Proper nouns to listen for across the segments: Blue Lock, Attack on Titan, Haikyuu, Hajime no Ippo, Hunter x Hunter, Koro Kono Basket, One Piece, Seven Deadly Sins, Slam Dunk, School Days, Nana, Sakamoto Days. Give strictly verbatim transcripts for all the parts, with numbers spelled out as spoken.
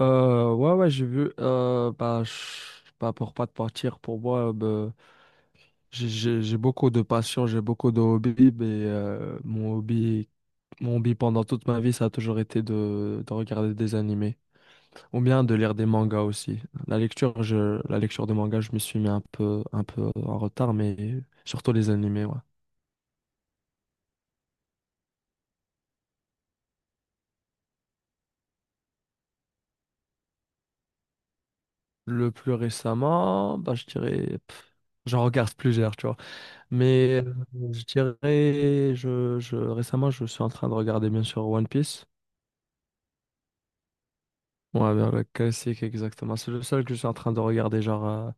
Euh, ouais, ouais, j'ai vu. Euh, bah, je- bah, pour pas te mentir, pour moi, euh, bah, j'ai j'ai- j'ai beaucoup de passion, j'ai beaucoup de hobbies, mais euh, mon hobby, mon hobby pendant toute ma vie, ça a toujours été de, de regarder des animés, ou bien de lire des mangas aussi. La lecture, je, la lecture de mangas, je me suis mis un peu, un peu en retard, mais surtout les animés, ouais. Le plus récemment, bah, je dirais, pff, j'en regarde plusieurs, tu vois. Mais euh, je dirais, je, je, récemment, je suis en train de regarder bien sûr One Piece. Ouais, ben, le classique, exactement. C'est le seul que je suis en train de regarder, genre, euh,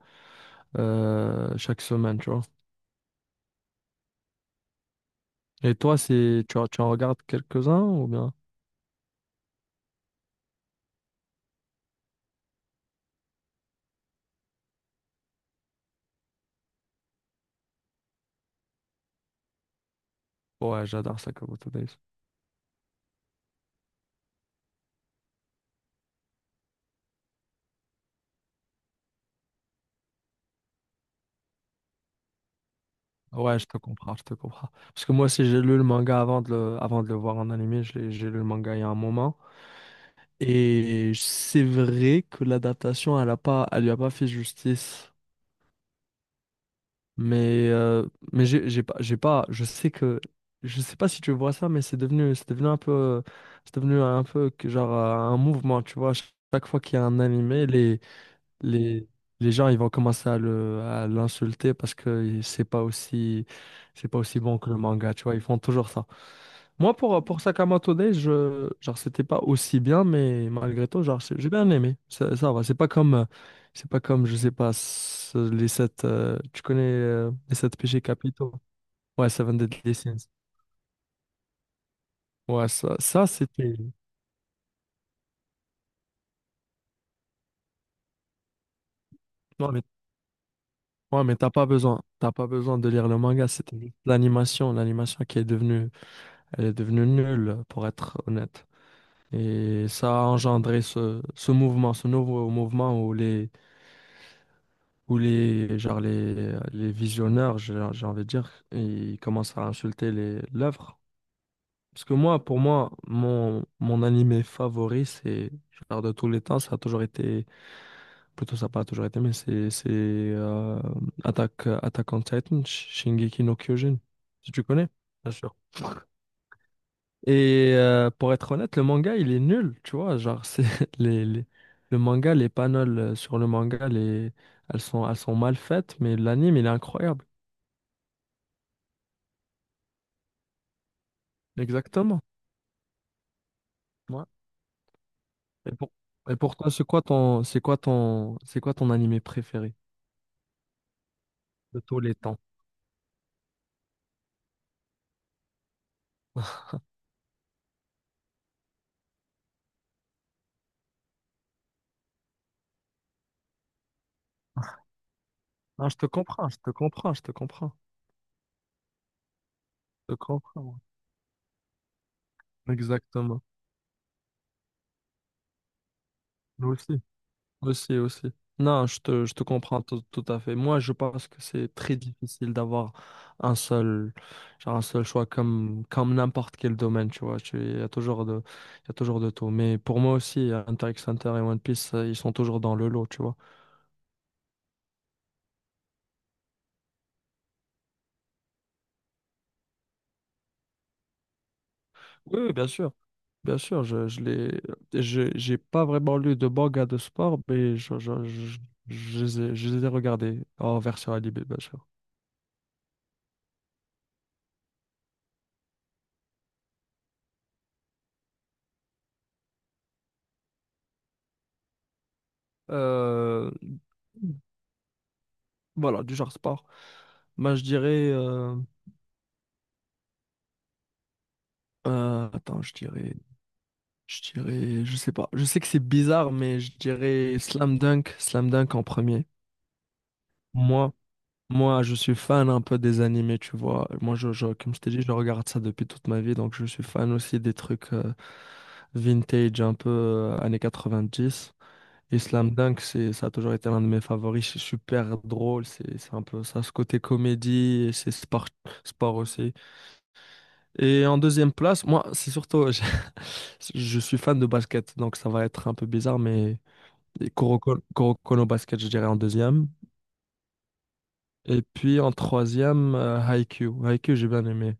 euh, chaque semaine, tu vois. Et toi, c'est, tu, en- tu en regardes quelques-uns ou bien? Ouais, j'adore Sakamoto Days. Ouais, je te comprends, je te comprends. Parce que moi aussi, j'ai lu le manga avant de le, avant de le voir en animé. je l'ai- J'ai lu le manga il y a un moment. Et c'est vrai que l'adaptation, elle a pas, elle lui a pas fait justice. Mais, euh, mais j'ai j'ai pas, j'ai pas, je sais que, je sais pas si tu vois ça, mais c'est devenu, c'est devenu un peu, euh, c'est devenu un peu que genre euh, un mouvement, tu vois. Chaque chaque fois qu'il y a un animé, les, les, les gens ils vont commencer à le, à l'insulter parce que c'est pas aussi c'est pas aussi bon que le manga, tu vois, ils font toujours ça. Moi pour pour Sakamoto Days, je genre c'était pas aussi bien mais malgré tout genre c'est- j'ai bien aimé. Ça, ça va, c'est pas comme euh, c'est pas comme je sais pas ce- les sept euh, tu connais euh, les sept péchés capitaux. Ouais, Seven Deadly Sins. Ouais, ça, ça c'était. Non mais ouais, mais t'as pas besoin, t'as pas besoin de lire le manga, c'était juste l'animation, l'animation qui est devenue elle est devenue nulle, pour être honnête. Et ça a engendré ce, ce mouvement, ce nouveau mouvement où les, où les, genre les, les visionneurs, j'ai j'ai envie de dire, ils commencent à insulter les, l'œuvre. Parce que moi, pour moi, mon, mon animé favori, c'est, genre de tous les temps, ça a toujours été, plutôt ça n'a pas toujours été, mais c'est c'est, euh, Attack, Attack on Titan, Shingeki no Kyojin, si tu connais. Bien sûr. Et euh, pour être honnête, le manga, il est nul, tu vois. Genre, c'est les, les- le manga, les panels euh, sur le manga, les, elles sont, elles sont mal faites, mais l'anime, il est incroyable. Exactement. Ouais. Et pour, et pour toi, c'est quoi ton, c'est quoi ton, c'est quoi ton animé préféré de tous les temps? Non, je te comprends, je te comprends, je te comprends, je te comprends. Exactement. Nous aussi. Aussi, aussi. Non, je te, je te comprends tout, tout à fait. Moi, je pense que c'est très difficile d'avoir un seul, genre un seul choix comme, comme n'importe quel domaine, tu vois. Tu- Il y a toujours de, il y a toujours de tout. Mais pour moi aussi, euh, Hunter x Hunter et One Piece, euh, ils sont toujours dans le lot, tu vois. Oui, oui, bien sûr. Bien sûr, je, je les, je- j'ai pas vraiment lu de manga de sport, mais je, je, je, je les ai, je les ai regardés en version animée, bien sûr. Euh, voilà, du genre sport. Moi, je dirais. Euh, attends, je dirais, je dirais, je sais pas. Je sais que c'est bizarre, mais je dirais Slam Dunk, Slam Dunk en premier. Moi, moi, je suis fan un peu des animés, tu vois. Moi, je, je- comme je t'ai dit, je regarde ça depuis toute ma vie, donc je suis fan aussi des trucs euh, vintage, un peu euh, années quatre-vingt-dix. Et Slam Dunk, c'est, ça a toujours été l'un de mes favoris. C'est super drôle, c'est, c'est un peu ça, ce côté comédie, et c'est sport, sport aussi. Et en deuxième place, moi, c'est surtout, je, je suis fan de basket, donc ça va être un peu bizarre, mais Koro Kono Basket, je dirais en deuxième. Et puis en troisième, euh, Haikyuu. Haikyuu, j'ai bien aimé.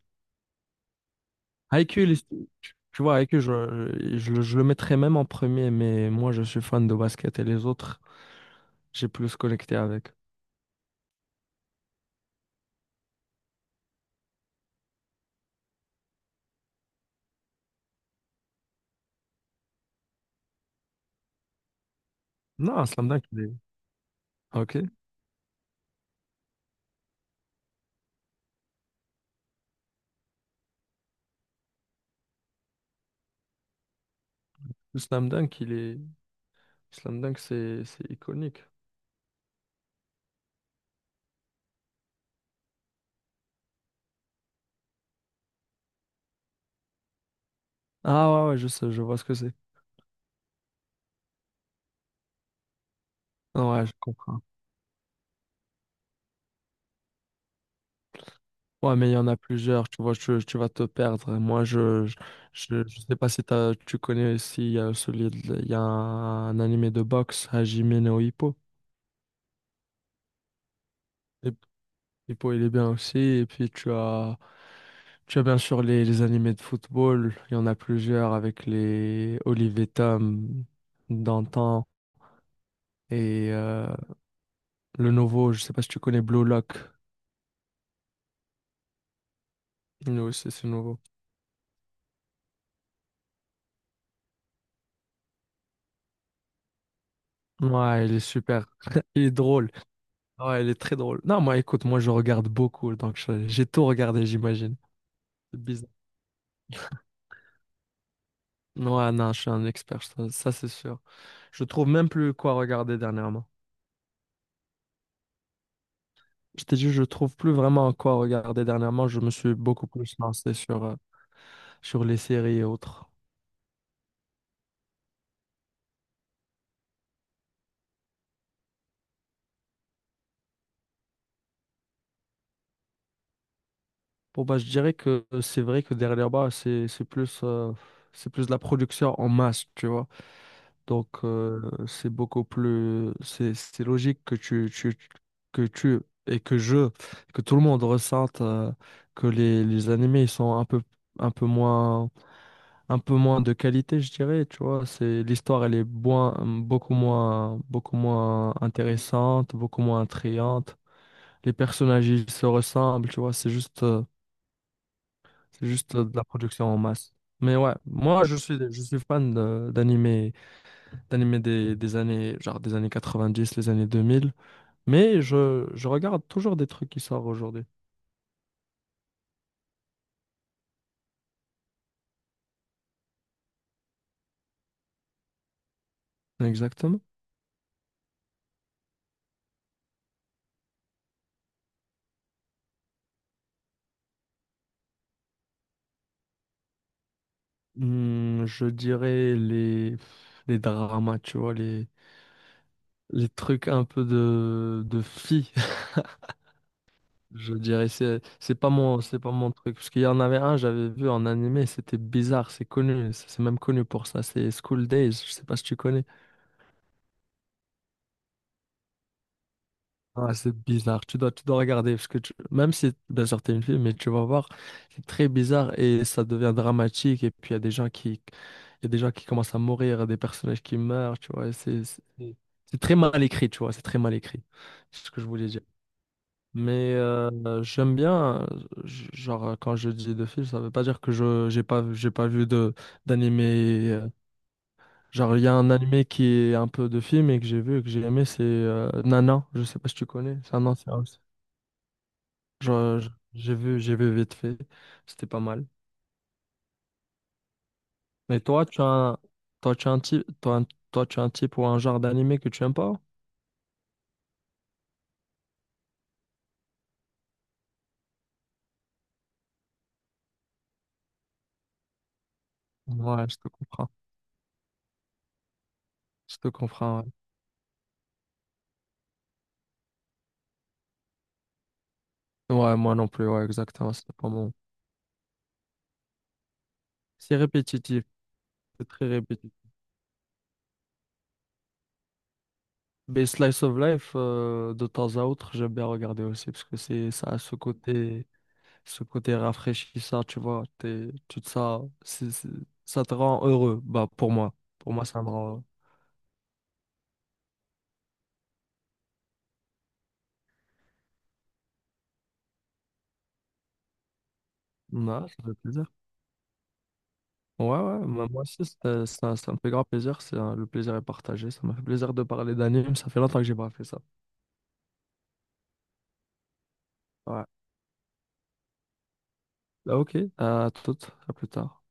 Haikyuu, il est- tu tu vois, Haikyuu, je, je le je le mettrais même en premier, mais moi, je suis fan de basket et les autres, j'ai plus connecté avec. Non, Slam Dunk, il est. Ok. Le Slam Dunk, il est. Slam Dunk, c'est c'est iconique. Ah ouais, ouais, je sais, je vois ce que c'est. Ah Ouais, je comprends. Ouais, mais il y en a plusieurs, tu vois, tu, tu vas te perdre. Moi, je je, je je sais pas si t'as, tu connais aussi, il y a celui de- il y a un animé de boxe, Hajime no Ippo. Et- Ippo, il est bien aussi. Et puis, tu as, tu as bien sûr les, les animés de football. Il y en a plusieurs avec les Olivier Tom d'antan et euh, le nouveau, je sais pas si tu connais Blue Lock. Nous aussi, c'est nouveau. Ouais, il est super. Il est drôle. Ouais, elle est très drôle. Non, moi, écoute, moi, je regarde beaucoup, donc je- j'ai tout regardé, j'imagine. C'est bizarre. Ouais, non, je suis un expert, ça, ça, c'est sûr. Je trouve même plus quoi regarder dernièrement. Je t'ai dit, je trouve plus vraiment quoi regarder dernièrement. Je me suis beaucoup plus lancé sur, euh, sur les séries et autres. Bon, bah, je dirais que euh, c'est vrai que derrière bas, c'est, c'est plus, euh, c'est plus de la production en masse, tu vois. Donc, euh, c'est beaucoup plus, c'est, c'est logique que tu, tu- que tu et que je, que tout le monde ressente euh, que les, les animés ils sont un peu, un peu moins, un peu moins de qualité, je dirais. Tu vois, c'est l'histoire, elle est moins, beaucoup moins, beaucoup moins intéressante, beaucoup moins attrayante. Les personnages, ils se ressemblent. Tu vois, c'est juste, euh, c'est juste de la production en masse. Mais ouais, moi, je suis, je suis fan de- d'animés d'animés des, des années, genre des années quatre-vingt-dix, les années deux mille. Mais je, je regarde toujours des trucs qui sortent aujourd'hui. Exactement. Hmm, je dirais les, les dramas, tu vois, les, les trucs un peu de, de filles. Je dirais, c'est, c'est pas mon, c'est pas mon truc. Parce qu'il y en avait un, j'avais vu en animé, c'était bizarre, c'est connu, c'est c'est même connu pour ça, c'est School Days, je sais pas si tu connais. Ouais, c'est bizarre. Tu dois, tu dois regarder parce que tu- même si, bien sûr, t'es une fille, mais tu vas voir, c'est très bizarre et ça devient dramatique. Et puis il y a des gens qui, il y a des gens qui commencent à mourir, il y a des personnages qui meurent, tu vois. et C'est, c'est c'est c'est très mal écrit, tu vois. C'est très mal écrit. C'est ce que je voulais dire. Mais euh, j'aime bien, euh, j- genre euh, quand je dis de films, ça veut pas dire que je j'ai pas j'ai pas vu de d'animé. Euh, genre il y a un animé qui est un peu de film et que j'ai vu et que j'ai aimé, c'est euh, Nana. Je sais pas si tu connais. C'est un ancien. Je- je- J'ai vu, j'ai vu vite fait. C'était pas mal. Mais toi, tu as un, toi, tu as un type, toi, un- toi, tu as un type ou un genre d'animé que tu aimes pas? Ouais, je te comprends. Je te comprends, ouais. Ouais, moi non plus, ouais, exactement. C'est pas mon. C'est répétitif. C'est très répétitif. Mais Slice of Life, euh, de temps à autre, j'aime bien regarder aussi parce que c'est, ça a ce côté, ce côté rafraîchissant, tu vois. T'es, tout ça, c'est, c'est- ça te rend heureux. Bah, pour moi. Pour moi, ça me rend. Non, ça fait plaisir. Ouais, ouais, moi moi aussi, c'était- ça, ça me fait grand plaisir. C'est, un- le plaisir est partagé. Ça m'a fait plaisir de parler d'anime. Ça fait longtemps que j'ai pas fait ça. Ouais. Bah, ok, à toutes, à plus tard.